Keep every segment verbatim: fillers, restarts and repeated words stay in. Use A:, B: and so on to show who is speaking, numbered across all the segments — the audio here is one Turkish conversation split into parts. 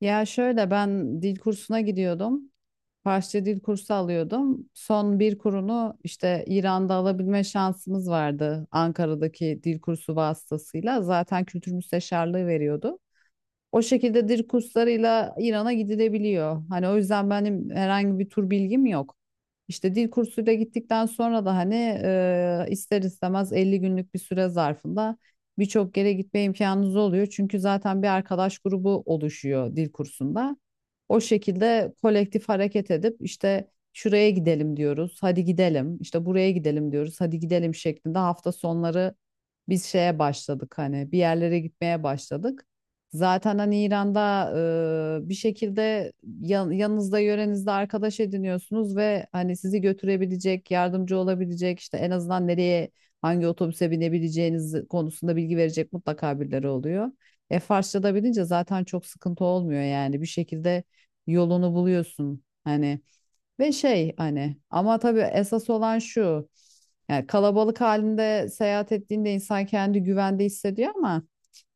A: Ya şöyle ben dil kursuna gidiyordum. Farsça dil kursu alıyordum. Son bir kurunu işte İran'da alabilme şansımız vardı Ankara'daki dil kursu vasıtasıyla. Zaten kültür müsteşarlığı veriyordu. O şekilde dil kurslarıyla İran'a gidilebiliyor. Hani o yüzden benim herhangi bir tur bilgim yok. İşte dil kursuyla gittikten sonra da hani e, ister istemez elli günlük bir süre zarfında birçok yere gitme imkanınız oluyor. Çünkü zaten bir arkadaş grubu oluşuyor dil kursunda. O şekilde kolektif hareket edip işte şuraya gidelim diyoruz, hadi gidelim. İşte buraya gidelim diyoruz, hadi gidelim şeklinde hafta sonları biz şeye başladık hani bir yerlere gitmeye başladık. Zaten hani İran'da e, bir şekilde yan- yanınızda yörenizde arkadaş ediniyorsunuz ve hani sizi götürebilecek, yardımcı olabilecek işte en azından nereye hangi otobüse binebileceğiniz konusunda bilgi verecek mutlaka birileri oluyor. E Farsça da bilince zaten çok sıkıntı olmuyor yani bir şekilde yolunu buluyorsun hani ve şey hani ama tabii esas olan şu yani kalabalık halinde seyahat ettiğinde insan kendi güvende hissediyor ama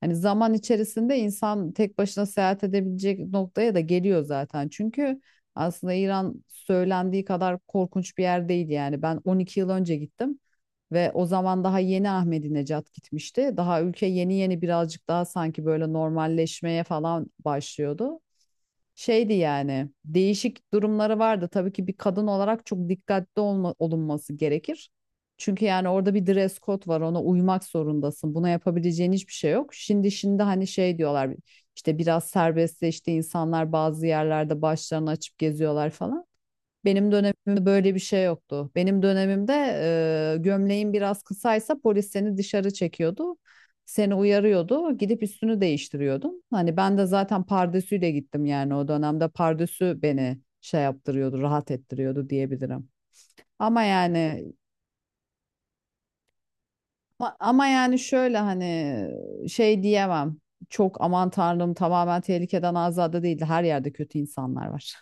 A: hani zaman içerisinde insan tek başına seyahat edebilecek noktaya da geliyor zaten. Çünkü aslında İran söylendiği kadar korkunç bir yer değil yani. Ben on iki yıl önce gittim ve o zaman daha yeni Ahmedi Necat gitmişti. Daha ülke yeni yeni birazcık daha sanki böyle normalleşmeye falan başlıyordu şeydi yani değişik durumları vardı. Tabii ki bir kadın olarak çok dikkatli olma, olunması gerekir. Çünkü yani orada bir dress code var ona uymak zorundasın. Buna yapabileceğin hiçbir şey yok. Şimdi şimdi hani şey diyorlar işte biraz serbestleşti insanlar bazı yerlerde başlarını açıp geziyorlar falan. Benim dönemimde böyle bir şey yoktu. Benim dönemimde e, gömleğin biraz kısaysa polis seni dışarı çekiyordu. Seni uyarıyordu. Gidip üstünü değiştiriyordun. Hani ben de zaten pardesüyle gittim yani o dönemde pardesü beni şey yaptırıyordu, rahat ettiriyordu diyebilirim. Ama yani ama ama yani şöyle hani şey diyemem. Çok aman tanrım tamamen tehlikeden azade değildi. Her yerde kötü insanlar var.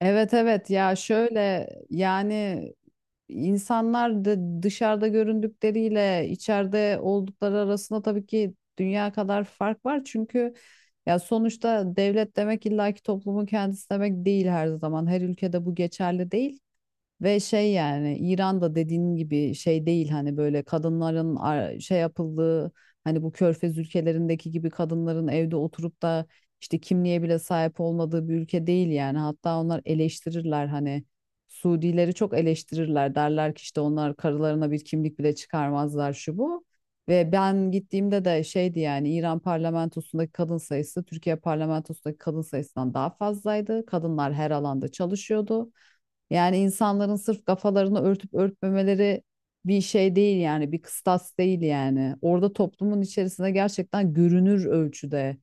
A: Evet evet ya şöyle yani insanlar da dışarıda göründükleriyle içeride oldukları arasında tabii ki dünya kadar fark var. Çünkü ya sonuçta devlet demek illaki toplumun kendisi demek değil her zaman. Her ülkede bu geçerli değil. Ve şey yani İran'da dediğin gibi şey değil hani böyle kadınların ar- şey yapıldığı hani bu Körfez ülkelerindeki gibi kadınların evde oturup da işte kimliğe bile sahip olmadığı bir ülke değil yani. Hatta onlar eleştirirler hani Suudileri çok eleştirirler derler ki işte onlar karılarına bir kimlik bile çıkarmazlar şu bu. Ve ben gittiğimde de şeydi yani İran parlamentosundaki kadın sayısı Türkiye parlamentosundaki kadın sayısından daha fazlaydı. Kadınlar her alanda çalışıyordu. Yani insanların sırf kafalarını örtüp örtmemeleri bir şey değil yani bir kıstas değil yani. Orada toplumun içerisinde gerçekten görünür ölçüde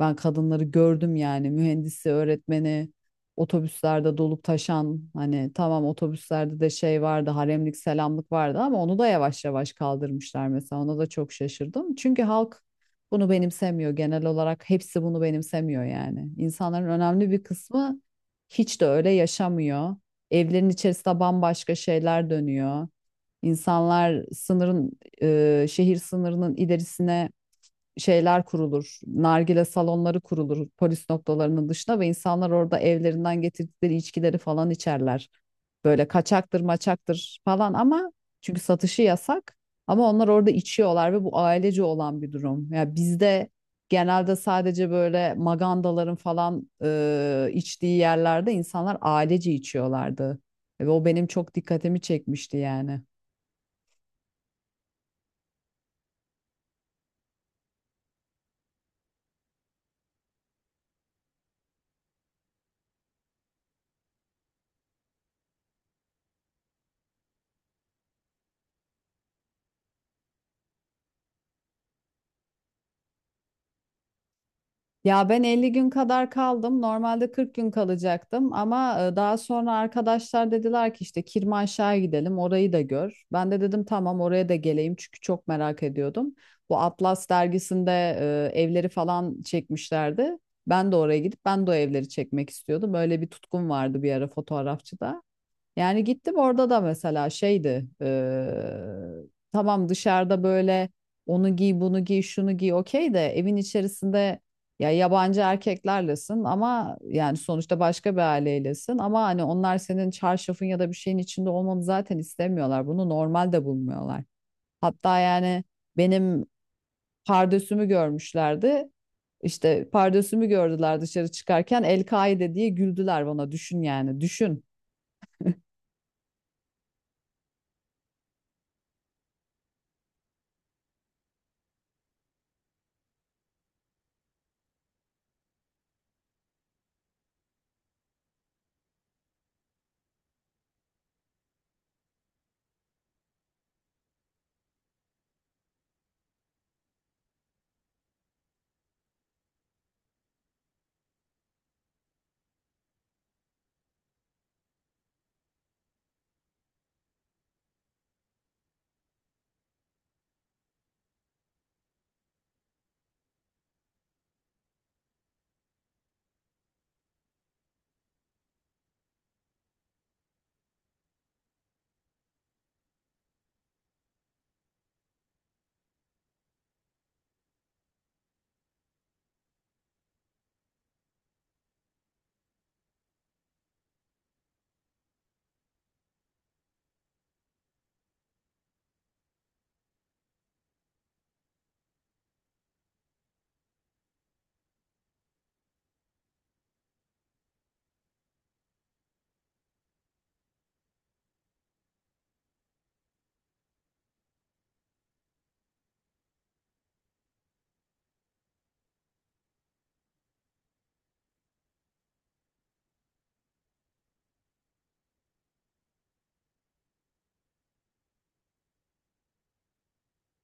A: ben kadınları gördüm yani mühendisi, öğretmeni, otobüslerde dolup taşan hani tamam otobüslerde de şey vardı haremlik selamlık vardı ama onu da yavaş yavaş kaldırmışlar mesela ona da çok şaşırdım. Çünkü halk bunu benimsemiyor genel olarak hepsi bunu benimsemiyor yani. İnsanların önemli bir kısmı hiç de öyle yaşamıyor. Evlerin içerisinde bambaşka şeyler dönüyor. İnsanlar sınırın e, şehir sınırının ilerisine şeyler kurulur. Nargile salonları kurulur polis noktalarının dışına ve insanlar orada evlerinden getirdikleri içkileri falan içerler. Böyle kaçaktır maçaktır falan ama çünkü satışı yasak ama onlar orada içiyorlar ve bu ailece olan bir durum. Ya bizde genelde sadece böyle magandaların falan e, içtiği yerlerde insanlar ailece içiyorlardı. Ve o benim çok dikkatimi çekmişti yani. Ya ben elli gün kadar kaldım. Normalde kırk gün kalacaktım ama e, daha sonra arkadaşlar dediler ki işte Kirmanşah'a gidelim, orayı da gör. Ben de dedim tamam oraya da geleyim çünkü çok merak ediyordum. Bu Atlas dergisinde e, evleri falan çekmişlerdi. Ben de oraya gidip ben de o evleri çekmek istiyordum. Böyle bir tutkum vardı bir ara fotoğrafçıda. Yani gittim orada da mesela şeydi eee, tamam dışarıda böyle onu giy bunu giy şunu giy okey de evin içerisinde ya yabancı erkeklerlesin ama yani sonuçta başka bir aileylesin ama hani onlar senin çarşafın ya da bir şeyin içinde olmanı zaten istemiyorlar bunu normal de bulmuyorlar. Hatta yani benim pardösümü görmüşlerdi. İşte pardösümü gördüler dışarı çıkarken El-Kaide diye güldüler bana düşün yani düşün.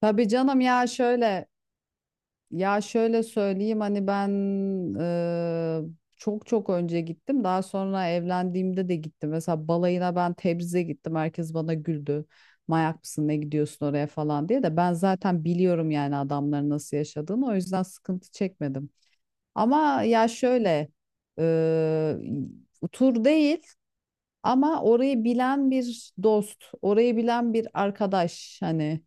A: Tabii canım ya şöyle ya şöyle söyleyeyim hani ben eee, çok çok önce gittim. Daha sonra evlendiğimde de gittim. Mesela balayına ben Tebriz'e gittim. Herkes bana güldü. Mayak mısın ne gidiyorsun oraya falan diye de ben zaten biliyorum yani adamların nasıl yaşadığını. O yüzden sıkıntı çekmedim. Ama ya şöyle eee tur değil. Ama orayı bilen bir dost, orayı bilen bir arkadaş hani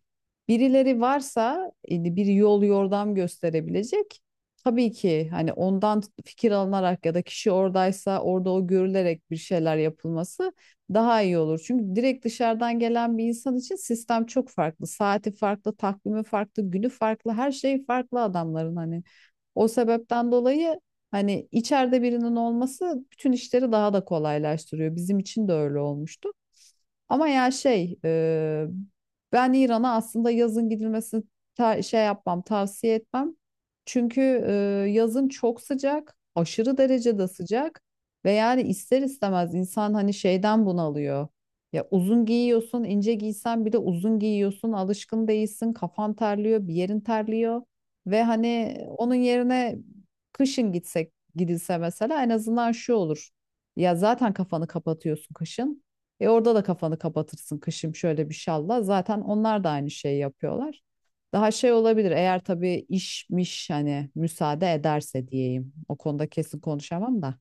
A: birileri varsa e, bir yol yordam gösterebilecek. Tabii ki hani ondan fikir alınarak ya da kişi oradaysa orada o görülerek bir şeyler yapılması daha iyi olur. Çünkü direkt dışarıdan gelen bir insan için sistem çok farklı. Saati farklı, takvimi farklı, günü farklı, her şey farklı adamların hani. O sebepten dolayı hani içeride birinin olması bütün işleri daha da kolaylaştırıyor. Bizim için de öyle olmuştu. Ama ya şey e, ben İran'a aslında yazın gidilmesini ta- şey yapmam tavsiye etmem. Çünkü e, yazın çok sıcak aşırı derecede sıcak ve yani ister istemez insan hani şeyden bunalıyor. Ya uzun giyiyorsun ince giysen bile uzun giyiyorsun alışkın değilsin kafan terliyor bir yerin terliyor. Ve hani onun yerine kışın gitsek gidilse mesela en azından şu olur. Ya zaten kafanı kapatıyorsun kışın. E orada da kafanı kapatırsın kışım şöyle bir şalla. Zaten onlar da aynı şeyi yapıyorlar. Daha şey olabilir eğer tabii işmiş hani müsaade ederse diyeyim. O konuda kesin konuşamam da.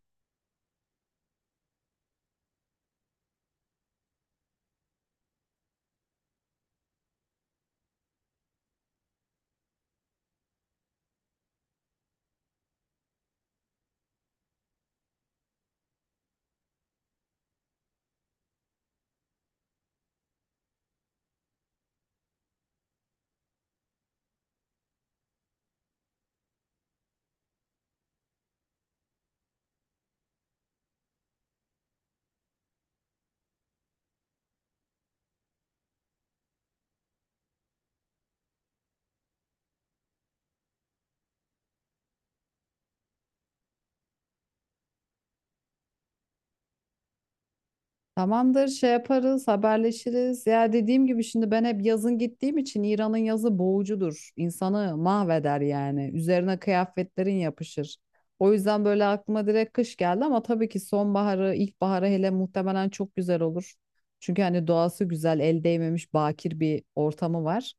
A: Tamamdır, şey yaparız, haberleşiriz. Ya dediğim gibi şimdi ben hep yazın gittiğim için İran'ın yazı boğucudur. İnsanı mahveder yani. Üzerine kıyafetlerin yapışır. O yüzden böyle aklıma direkt kış geldi ama tabii ki sonbaharı, ilkbaharı hele muhtemelen çok güzel olur. Çünkü hani doğası güzel, el değmemiş bakir bir ortamı var.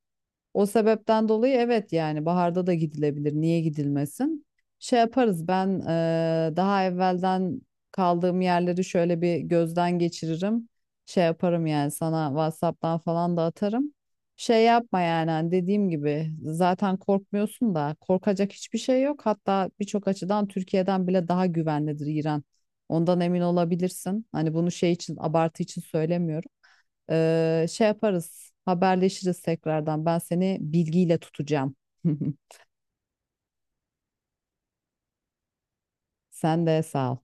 A: O sebepten dolayı evet yani baharda da gidilebilir. Niye gidilmesin? Şey yaparız ben eee, daha evvelden kaldığım yerleri şöyle bir gözden geçiririm. Şey yaparım yani sana WhatsApp'tan falan da atarım. Şey yapma yani hani dediğim gibi zaten korkmuyorsun da korkacak hiçbir şey yok. Hatta birçok açıdan Türkiye'den bile daha güvenlidir İran. Ondan emin olabilirsin. Hani bunu şey için abartı için söylemiyorum. Ee, şey yaparız, haberleşiriz tekrardan. Ben seni bilgiyle tutacağım. Sen de sağ ol.